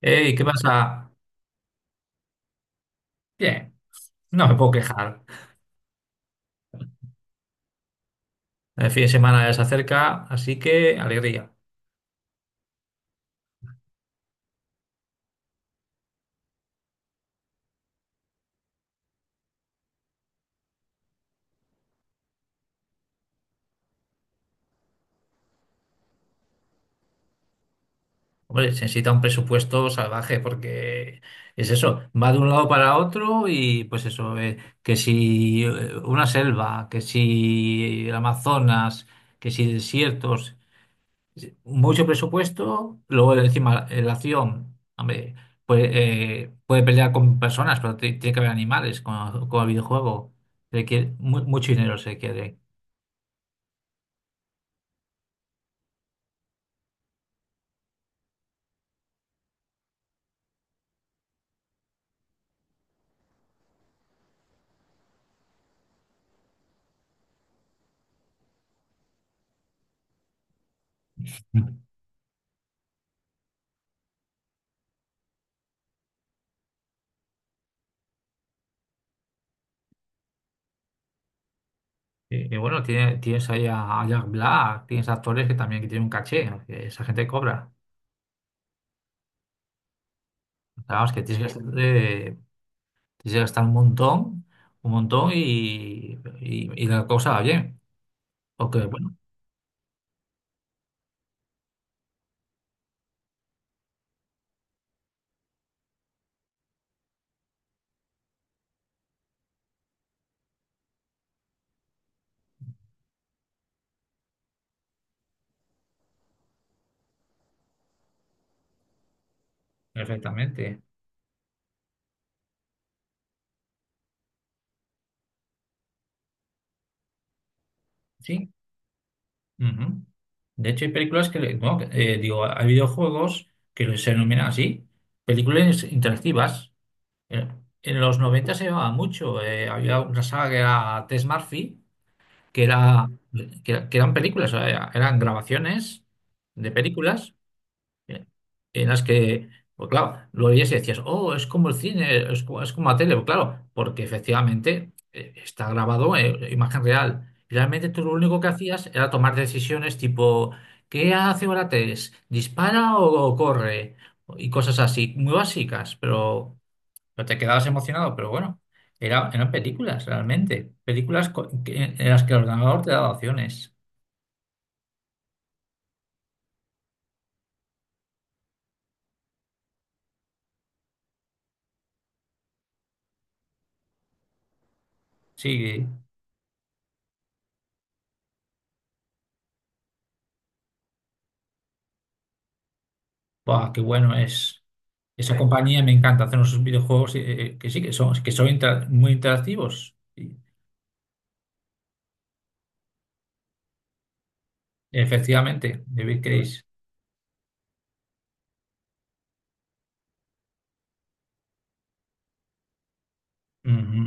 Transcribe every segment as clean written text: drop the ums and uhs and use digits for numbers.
Hey, ¿qué pasa? Bien, no me puedo quejar. El fin de semana ya se acerca, así que alegría. Hombre, se necesita un presupuesto salvaje porque es eso, va de un lado para otro y pues eso, que si una selva, que si el Amazonas, que si desiertos, mucho presupuesto, luego encima la acción, hombre, pues, puede pelear con personas, pero tiene que haber animales con el videojuego. Requiere, mucho dinero se requiere. Y bueno, tienes ahí a Jack Black, tienes actores que también que tienen un caché, que esa gente cobra. O sea, vamos, que tienes que gastar un montón y, y la cosa va bien. Porque, bueno, perfectamente. Sí. Ujú. De hecho, hay películas que, no, que, digo, hay videojuegos que se denominan así, películas interactivas. En los 90 se llevaba mucho. Había una saga que era Tess Murphy que que eran películas, o sea, eran grabaciones de películas eh, en las que, pues claro, lo veías y decías, oh, es como el cine, es como la tele. Pues claro, porque efectivamente está grabado, imagen real. Y realmente tú lo único que hacías era tomar decisiones tipo, ¿qué hace Orates? ¿Dispara o corre? Y cosas así, muy básicas, pero no te quedabas emocionado, pero bueno, eran películas realmente, películas en las que el ordenador te daba opciones. Sí, buah, qué bueno es. Esa, sí, compañía me encanta. Hacer unos videojuegos, que sí, que son muy interactivos. Sí, efectivamente, David Case. Ujú.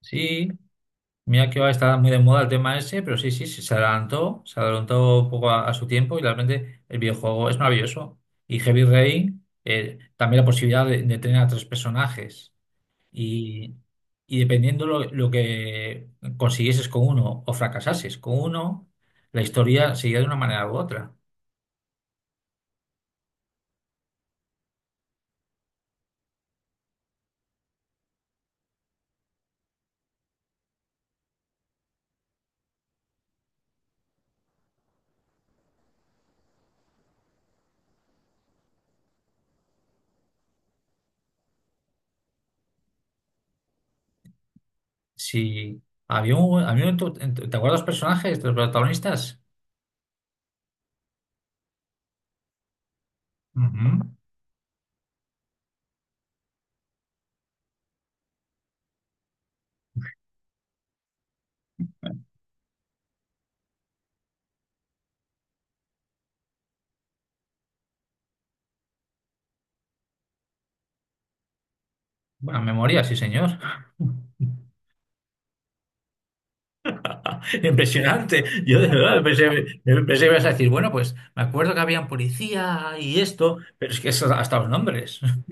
Sí, mira que ahora está muy de moda el tema ese, pero sí, sí, sí, se adelantó un poco a su tiempo y realmente el videojuego es maravilloso. Y Heavy Rain, también la posibilidad de tener a tres personajes y, y dependiendo lo que consiguieses con uno o fracasases con uno, la historia seguía de una manera u otra. Si ¿te acuerdas de los personajes, de los protagonistas? Ujú. Buena memoria, sí, señor. Impresionante. Yo de verdad pensé que ibas a decir, bueno, pues me acuerdo que había un policía y esto, pero es que eso, hasta los nombres.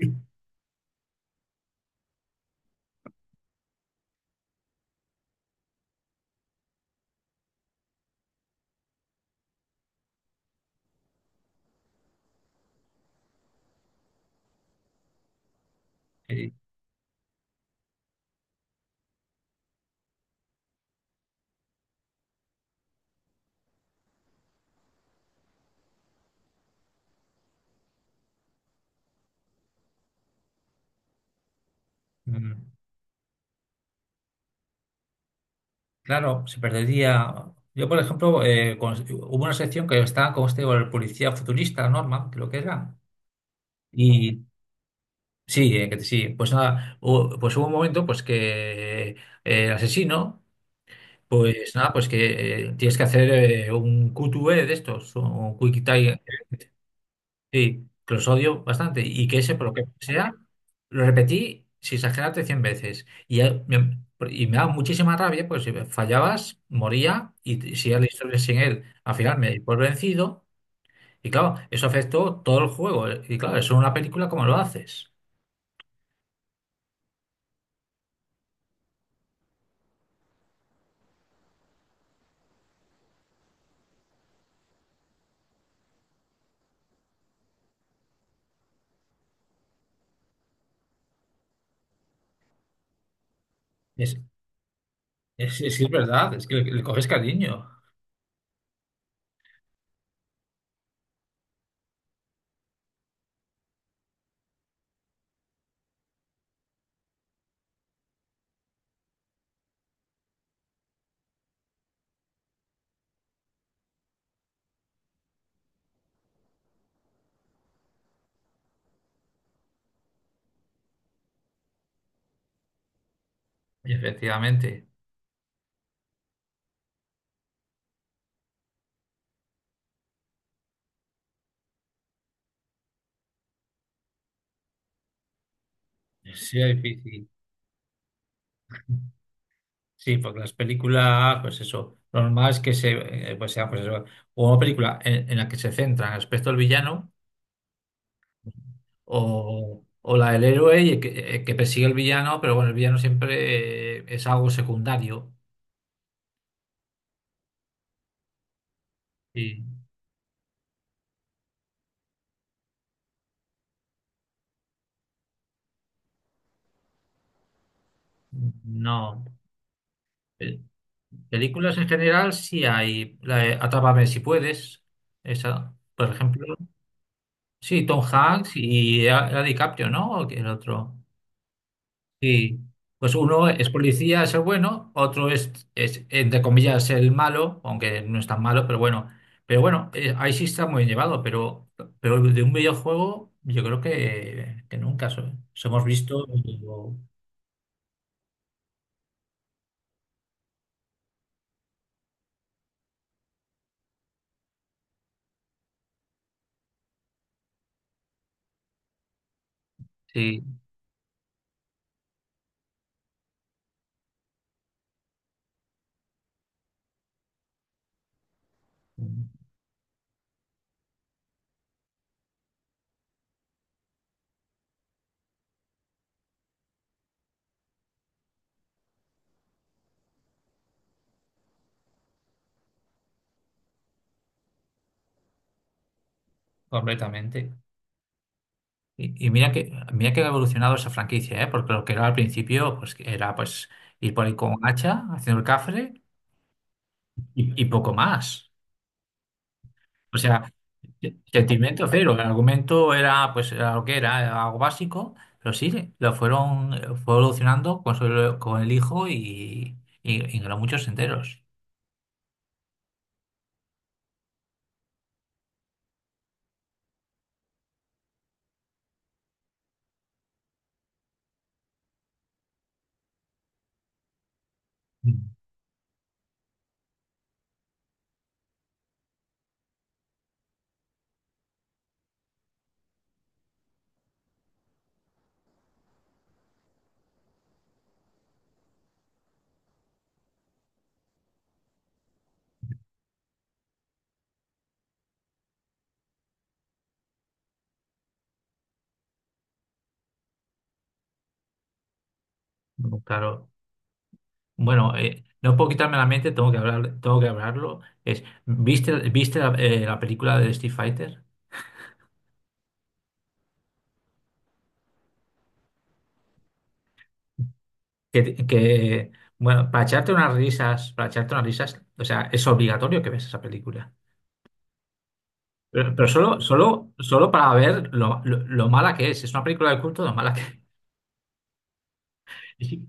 Y, mm, claro, se perdería. Yo, por ejemplo, hubo una sección que estaba con este, con el policía futurista, Norman, creo que era. Y sí, que sí, pues nada, pues hubo un momento pues que el asesino, pues nada, pues que tienes que hacer un QTE de estos, un Quick Time. Sí, que los odio bastante y que ese, por lo que sea, lo repetí sin exagerarte 100 veces. Y me daba muchísima rabia, pues si fallabas, moría y si era la historia sin él. Al final me di por vencido y claro, eso afectó todo el juego. Y claro, eso en una película, ¿cómo lo haces? Es, es que es verdad, es que le coges cariño, efectivamente. Sí, es difícil. Sí, porque las películas, pues eso, lo normal es que pues sea, pues eso, o una película en la que se centra en el aspecto del villano o la del héroe y que persigue al villano, pero bueno, el villano siempre es algo secundario. Y no. Pel- Películas en general sí hay. La de Atrápame si puedes, esa, por ejemplo. Sí, Tom Hanks y era DiCaprio, ¿no? ¿O el otro? Sí, pues uno es policía, es el bueno, otro es, entre comillas, el malo, aunque no es tan malo, pero bueno. Pero bueno, ahí sí está muy bien llevado, pero, de un videojuego yo creo que nunca somos visto, sí, completamente. Y mira que, ha evolucionado esa franquicia, ¿eh? Porque lo que era al principio, pues que era, pues ir por ahí con hacha, haciendo el cafre y poco más. O sea, sentimiento cero, el argumento era, pues era lo que era, era algo básico, pero sí, lo fueron fue evolucionando con, con el hijo y ganó muchos enteros. Mm. Claro. Bueno, no puedo quitarme la mente, tengo que hablarlo. Es, viste la película de Street Fighter? Que, que, bueno, para echarte unas risas, para echarte unas risas, o sea, es obligatorio que veas esa película. Pero solo, solo, solo para ver lo mala que es. Es una película de culto, lo mala que es.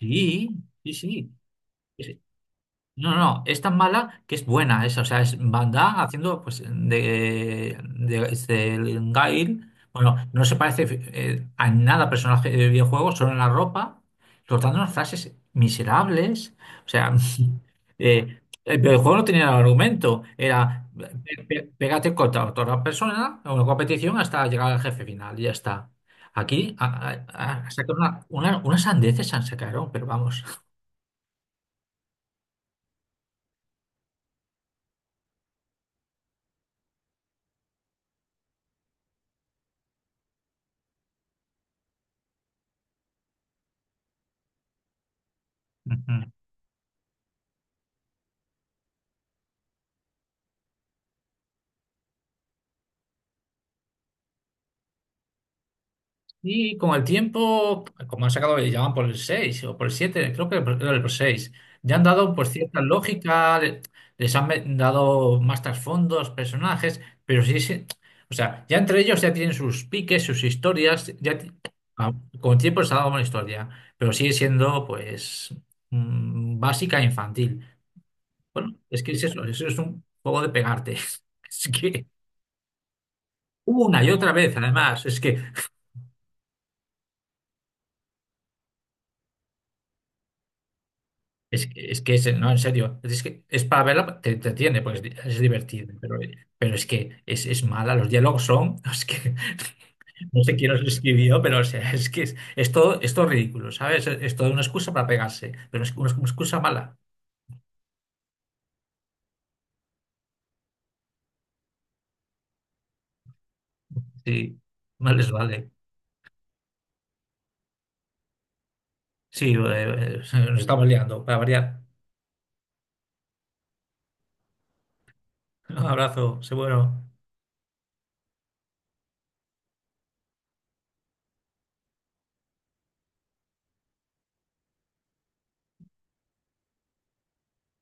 Sí, sí, sí. Sí. No, no, es tan mala que es buena esa. O sea, es Van Damme haciendo pues este, el Gail. Bueno, no se parece a nada personaje de videojuego, solo en la ropa, soltando unas frases miserables. O sea, el videojuego no tenía argumento, era pégate contra otra persona en una competición hasta llegar al jefe final, y ya está. Aquí sacaron unas sandeces, se sacaron, pero vamos. Y con el tiempo, como han sacado, ya van por el 6 o por el siete, creo que era el seis. Ya han dado pues cierta lógica. Les han dado más trasfondos, personajes, pero sí, sí, o sea, ya entre ellos ya tienen sus piques, sus historias, ah, con el tiempo les ha dado una historia, pero sigue siendo pues básica e infantil. Bueno, es que es eso, eso es un juego de pegarte. Es que una y otra vez, además, es que es que no, en serio, es que es para verla, te entretiene, pues es divertido, pero, es que es mala, los diálogos son, es que no sé quién los escribió, pero o sea, es que es todo ridículo, ¿sabes? Es toda una excusa para pegarse, pero es una excusa mala, sí, mal les vale. Sí, nos estamos liando, para variar. Un abrazo, seguro.